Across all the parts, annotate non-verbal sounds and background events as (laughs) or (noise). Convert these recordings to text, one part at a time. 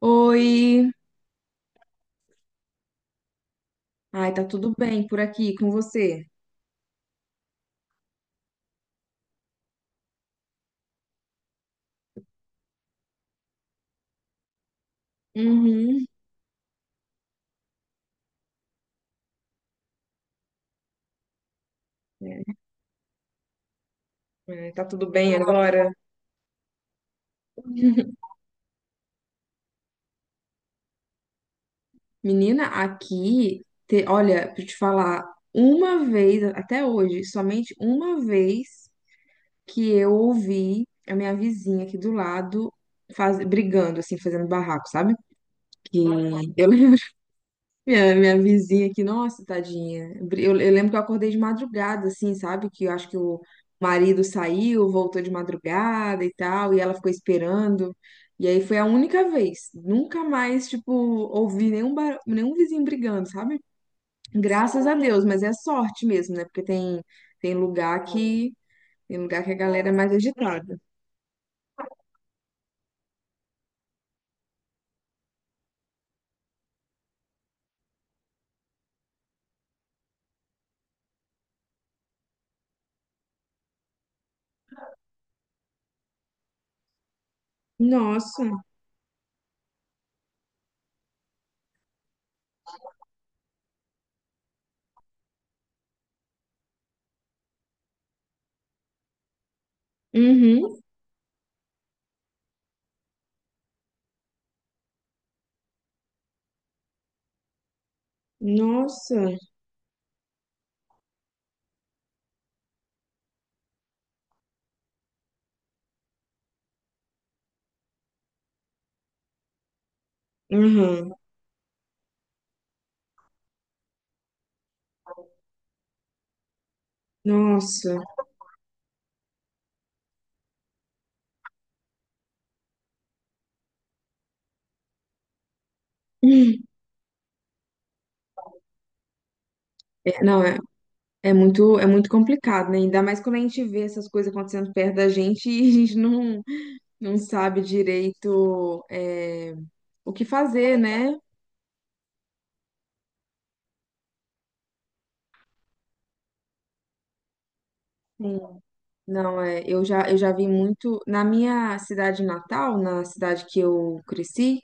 Oi, ai, tá tudo bem por aqui com você? Uhum. É, tá tudo bem agora? (laughs) Menina, aqui, olha, pra eu te falar, uma vez, até hoje, somente uma vez que eu ouvi a minha vizinha aqui do lado faz, brigando, assim, fazendo barraco, sabe? Que eu, (laughs) minha vizinha aqui, nossa, tadinha. Eu lembro que eu acordei de madrugada, assim, sabe? Que eu acho que o marido saiu, voltou de madrugada e tal, e ela ficou esperando. E aí foi a única vez. Nunca mais, tipo, ouvi nenhum, nenhum vizinho brigando, sabe? Graças a Deus, mas é sorte mesmo, né? Porque tem, tem lugar que, tem lugar que a galera é mais agitada. Nossa, uhum, nossa, uhum, nossa. É, não, é. É muito complicado, né? Ainda mais quando a gente vê essas coisas acontecendo perto da gente (laughs) e a gente não, não sabe direito o que fazer, né? Sim. Não, é, eu já vi muito. Na minha cidade natal, na cidade que eu cresci,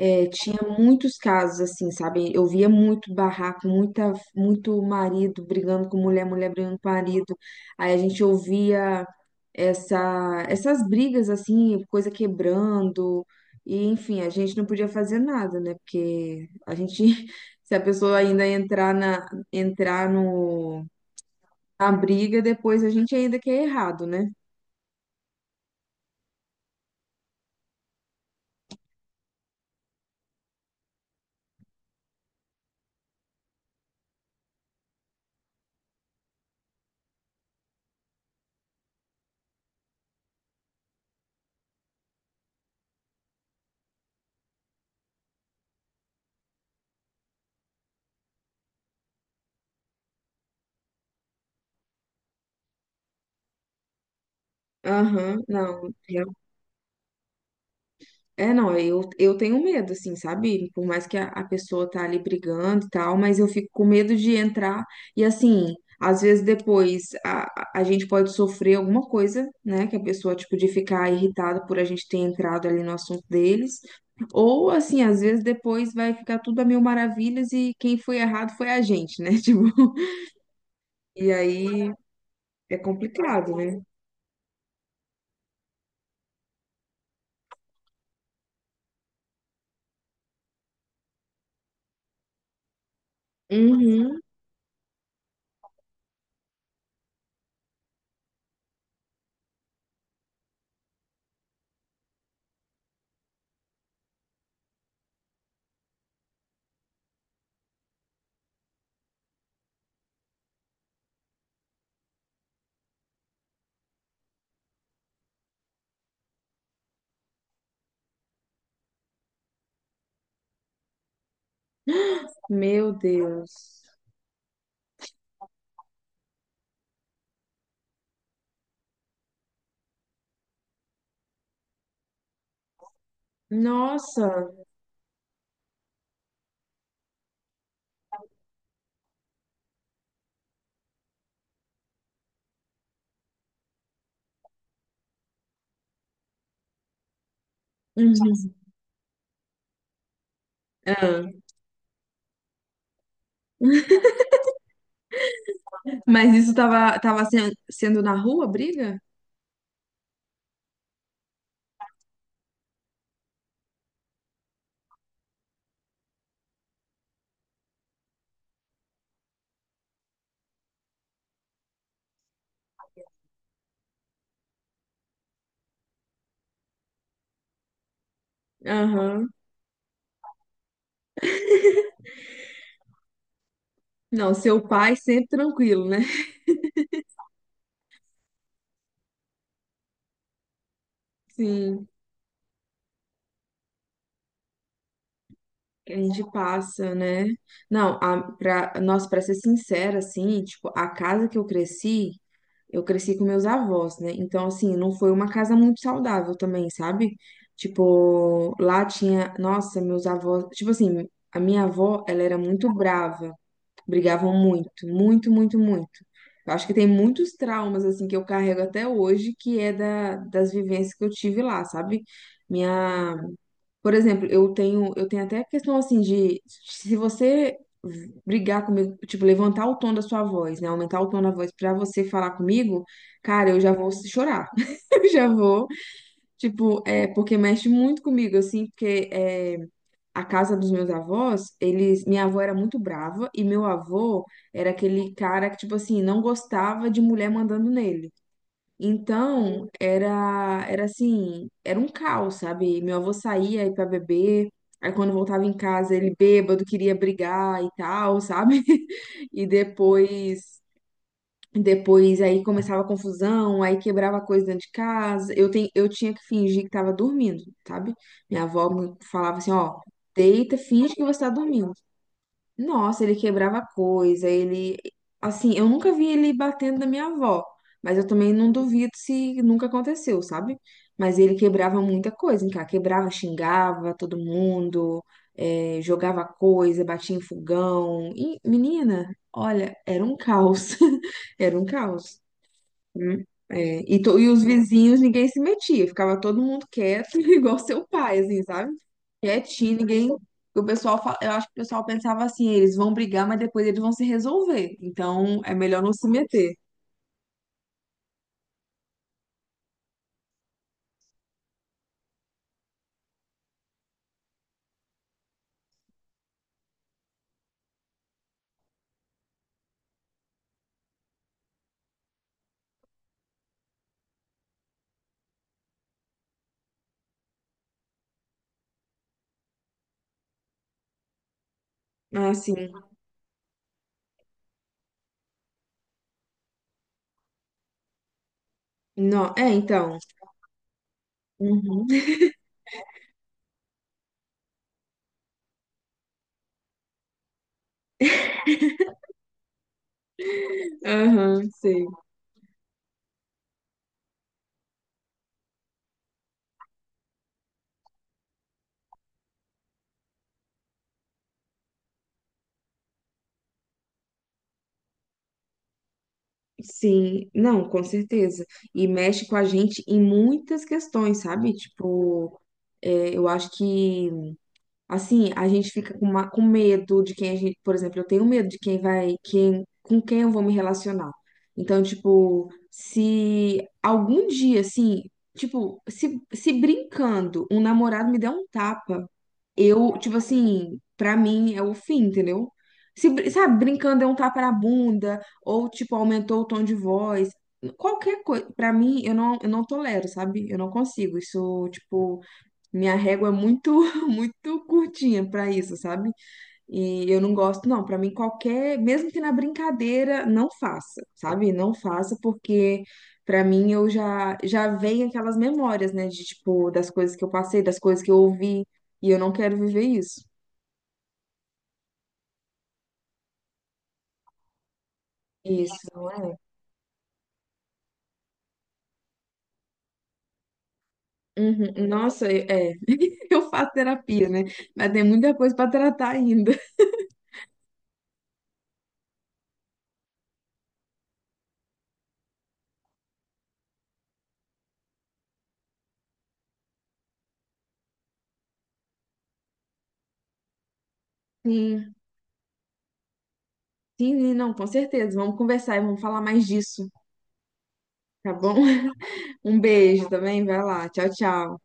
é, tinha muitos casos assim, sabe? Eu via muito barraco, muita, muito marido brigando com mulher, mulher brigando com marido. Aí a gente ouvia essas brigas assim, coisa quebrando. E enfim, a gente não podia fazer nada, né? Porque a gente, (laughs) se a pessoa ainda entrar entrar no, na briga, depois a gente ainda que é errado, né? Aham, não, é, não, eu tenho medo, assim, sabe? Por mais que a pessoa tá ali brigando e tal, mas eu fico com medo de entrar e, assim, às vezes depois a gente pode sofrer alguma coisa, né? Que a pessoa, tipo, de ficar irritada por a gente ter entrado ali no assunto deles. Ou, assim, às vezes depois vai ficar tudo a mil maravilhas e quem foi errado foi a gente, né? (laughs) Tipo, e aí é complicado, né? Uhum, meu Deus. Nossa. Uhum. Ah. Mas isso tava, sendo na rua, a briga? Aham. Não, seu pai sempre tranquilo, né? Sim, que a gente passa, né? Não, a, pra, nossa, pra ser sincera, assim, tipo, a casa que eu cresci com meus avós, né? Então, assim, não foi uma casa muito saudável também, sabe? Tipo, lá tinha, nossa, meus avós, tipo assim, a minha avó, ela era muito brava. Brigavam muito, muito, muito, muito. Eu acho que tem muitos traumas, assim, que eu carrego até hoje, que é da, das vivências que eu tive lá, sabe? Minha… Por exemplo, eu tenho até a questão, assim, de se você brigar comigo, tipo, levantar o tom da sua voz, né? Aumentar o tom da voz pra você falar comigo, cara, eu já vou chorar. (laughs) Eu já vou, tipo, é, porque mexe muito comigo, assim, porque é, a casa dos meus avós, eles, minha avó era muito brava e meu avô era aquele cara que, tipo assim, não gostava de mulher mandando nele. Então, era assim, era um caos, sabe? Meu avô saía aí pra beber, aí quando voltava em casa, ele bêbado, queria brigar e tal, sabe? (laughs) E depois aí começava a confusão, aí quebrava coisa dentro de casa. Eu tinha que fingir que estava dormindo, sabe? Minha avó me falava assim, ó, deita, finge que você está dormindo. Nossa, ele quebrava coisa, ele. Assim, eu nunca vi ele batendo na minha avó, mas eu também não duvido se nunca aconteceu, sabe? Mas ele quebrava muita coisa, hein, cara? Quebrava, xingava todo mundo, jogava coisa, batia em fogão. E, menina, olha, era um caos. (laughs) Era um caos. Hum, é. E, e os vizinhos, ninguém se metia, ficava todo mundo quieto, (laughs) igual seu pai, assim, sabe? Quietinho, ninguém. O pessoal, eu acho que o pessoal pensava assim, eles vão brigar, mas depois eles vão se resolver. Então, é melhor não se meter. Ah, sim. Não, é, então. Uhum. (laughs) Aham, sei. Sim, não, com certeza. E mexe com a gente em muitas questões, sabe? Tipo, é, eu acho que assim, a gente fica com, com medo de quem a gente, por exemplo, eu tenho medo de quem vai, quem, com quem eu vou me relacionar. Então, tipo, se algum dia, assim, tipo, se brincando, um namorado me der um tapa, eu, tipo assim, pra mim é o fim, entendeu? Se, sabe, brincando é um tapa na bunda, ou, tipo, aumentou o tom de voz. Qualquer coisa, pra mim, eu não tolero, sabe? Eu não consigo. Isso, tipo. Minha régua é muito, (laughs) muito curtinha pra isso, sabe? E eu não gosto, não. Pra mim, qualquer, mesmo que na brincadeira, não faça, sabe? Não faça, porque pra mim eu já vem aquelas memórias, né? De tipo, das coisas que eu passei, das coisas que eu ouvi, e eu não quero viver isso. Isso. Uhum. Nossa, é. (laughs) Eu faço terapia, né? Mas tem muita coisa pra tratar ainda. (laughs) Sim, sim, não, com certeza. Vamos conversar e vamos falar mais disso, tá bom? Um beijo também, vai lá. Tchau, tchau.